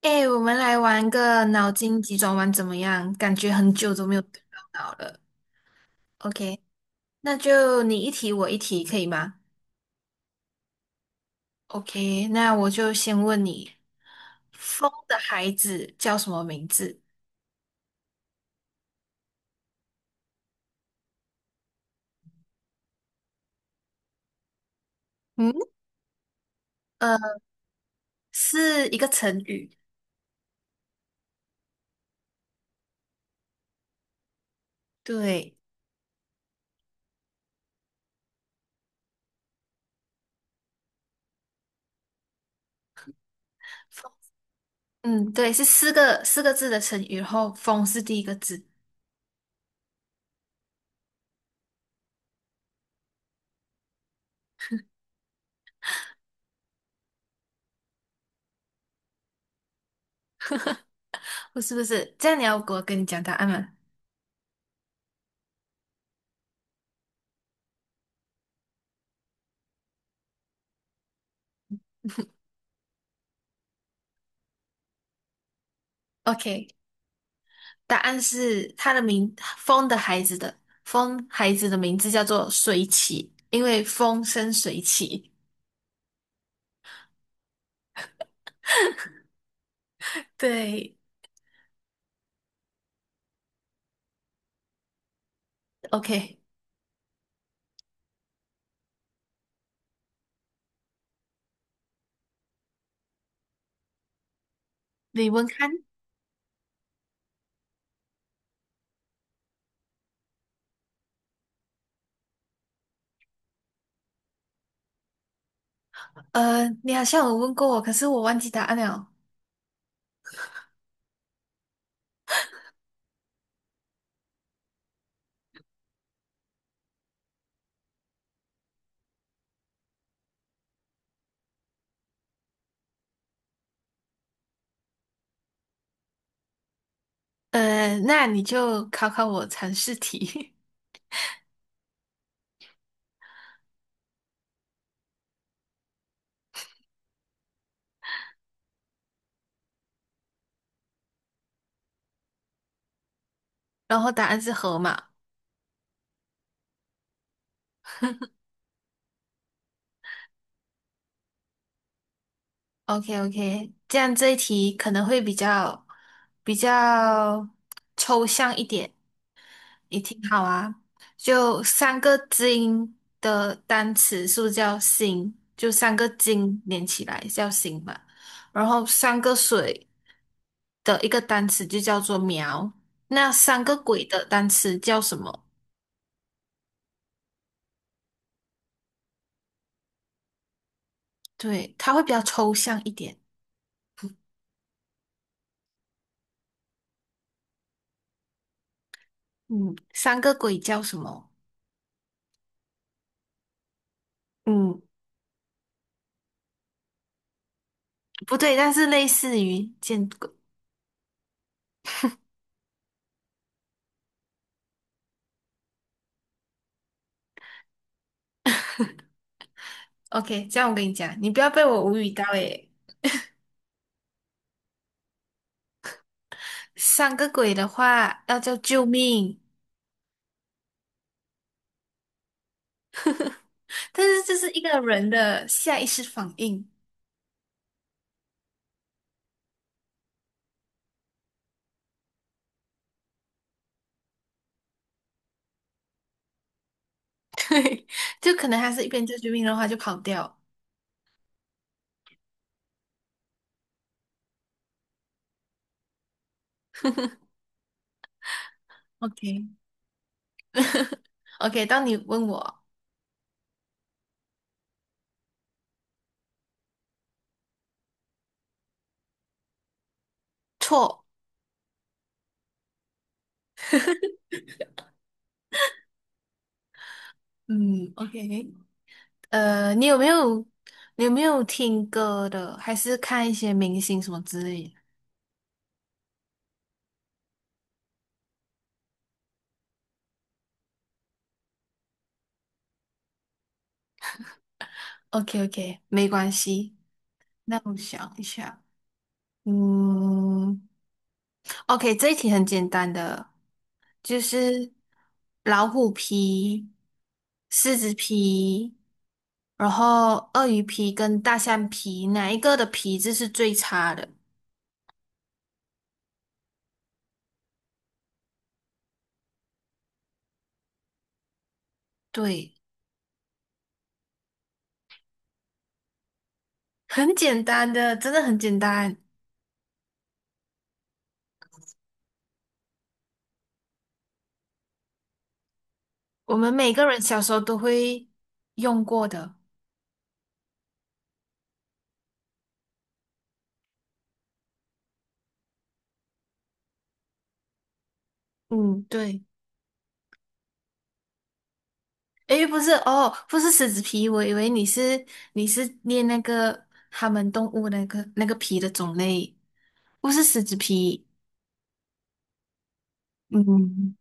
哎，我们来玩个脑筋急转弯怎么样？感觉很久都没有动到脑了。OK，那就你一题我一题，可以吗？OK，那我就先问你，风的孩子叫什么名字？嗯，呃，是一个成语。对，风，嗯，对，是四个字的成语，然后风是第一个字，不是不是？这样你要给我跟你讲答案吗？OK，答案是他的名，风的孩子的风孩子的名字叫做水起，因为风生水起。对，OK，李文康，你好像有问过我，可是我忘记答案了。那你就考考我常识题，然后答案是河马。OK OK，这样这一题可能会比较比较抽象一点。你挺好啊。就三个金的单词是不是叫星，就三个金连起来叫星嘛。然后三个水的一个单词就叫做苗。那三个鬼的单词叫什么？对，它会比较抽象一点。嗯，三个鬼叫什么？嗯，不对，但是类似于见鬼。OK，这样我跟你讲，你不要被我无语到诶。三个鬼的话要叫救命。但是这是一个人的下意识反应，对，就可能他是一边救救命的话就跑掉。OK OK，当你问我错，嗯，OK，呃，你有没有你有没有听歌的，还是看一些明星什么之类的？OK OK，没关系，那我想一下，嗯。OK，这一题很简单的，就是老虎皮、狮子皮，然后鳄鱼皮跟大象皮，哪一个的皮质是最差的？对，很简单的，真的很简单，我们每个人小时候都会用过的。嗯，对。诶，不是哦，不是狮子皮，我以为你是你是念那个他们动物那个皮的种类，不是狮子皮。嗯，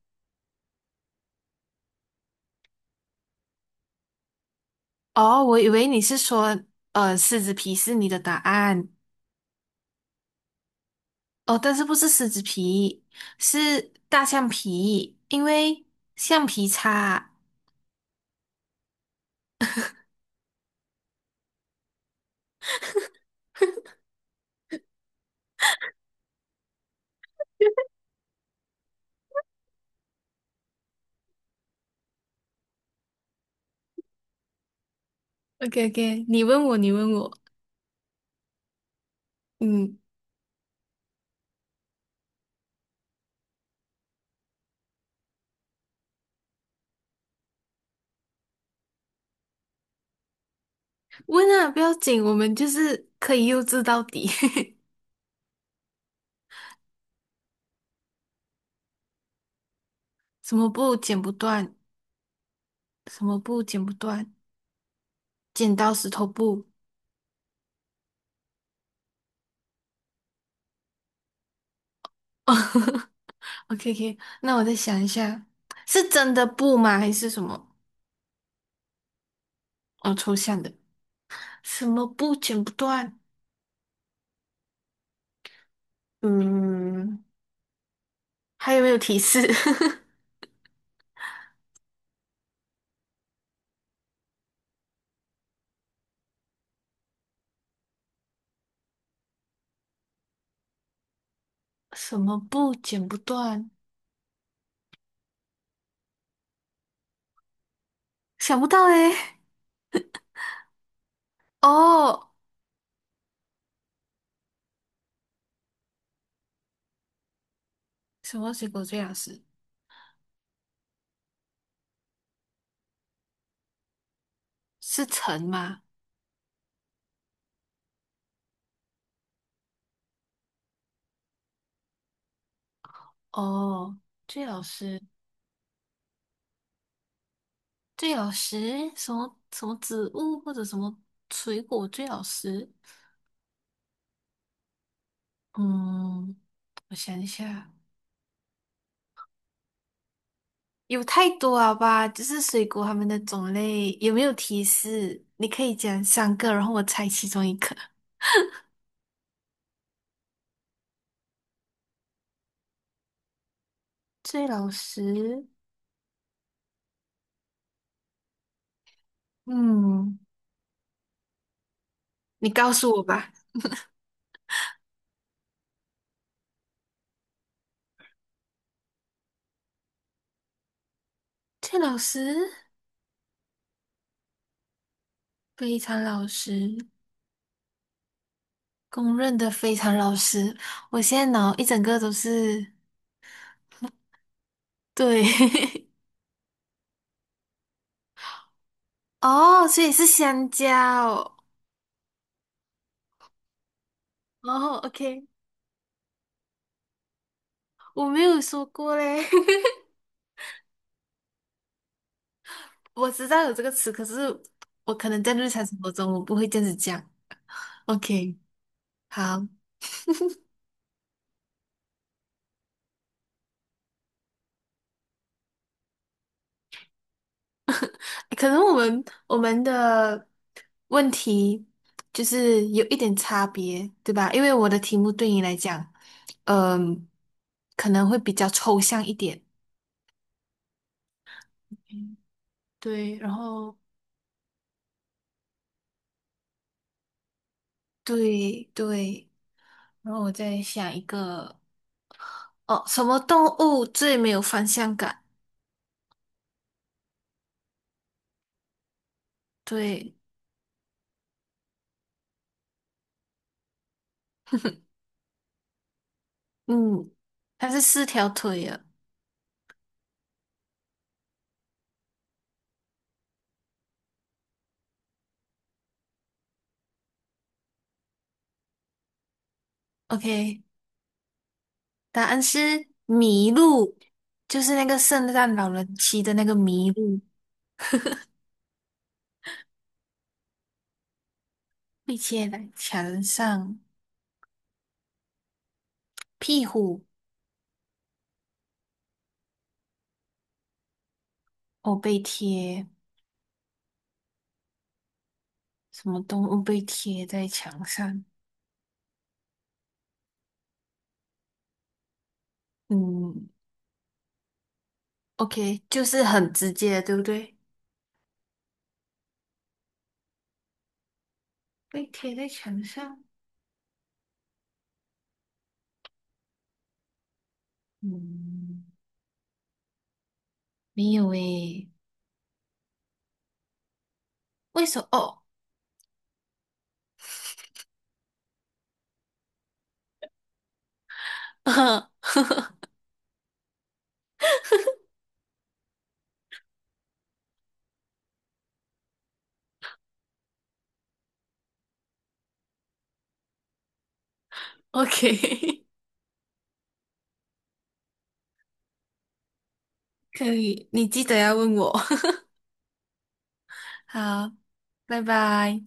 哦，我以为你是说，狮子皮是你的答案哦，但是不是狮子皮，是大象皮，因为橡皮擦。o k o k 你问我，你问我，嗯，问啊，不要紧，我们就是可以幼稚到底，什么布剪不断，什么布剪不断，剪刀石头布。o k o k 那我再想一下，是真的布吗？还是什么？哦，抽象的，什么布剪不断？嗯，还有没有提示？什么布剪不断？想不到诶、哦，什么水果最老吃？是橙吗？哦，最老吃，最老吃，什么植物或者什么水果最老吃？嗯，我想一下，有太多了吧？就是水果它们的种类，有没有提示？你可以讲三个，然后我猜其中一个。最老实，嗯，你告诉我吧。这老师非常老实，公认的非常老实。我现在脑一整个都是对 哦，所以是香蕉哦。哦 OK，我没有说过嘞，我知道有这个词，可是我可能在日常生活中我不会这样子讲。OK，好。可能我们的问题就是有一点差别，对吧？因为我的题目对你来讲，嗯、可能会比较抽象一点。对，然后对对，然后我再想一个，哦，什么动物最没有方向感？对，嗯，它是四条腿啊。OK，答案是麋鹿，就是那个圣诞老人骑的那个麋鹿。被贴在墙上，屁股哦被贴，什么动物被贴在墙上？嗯，OK，就是很直接，对不对？被贴在墙上，嗯，没有诶，为什么？哦 ，OK，可以，你记得要问我。好，拜拜。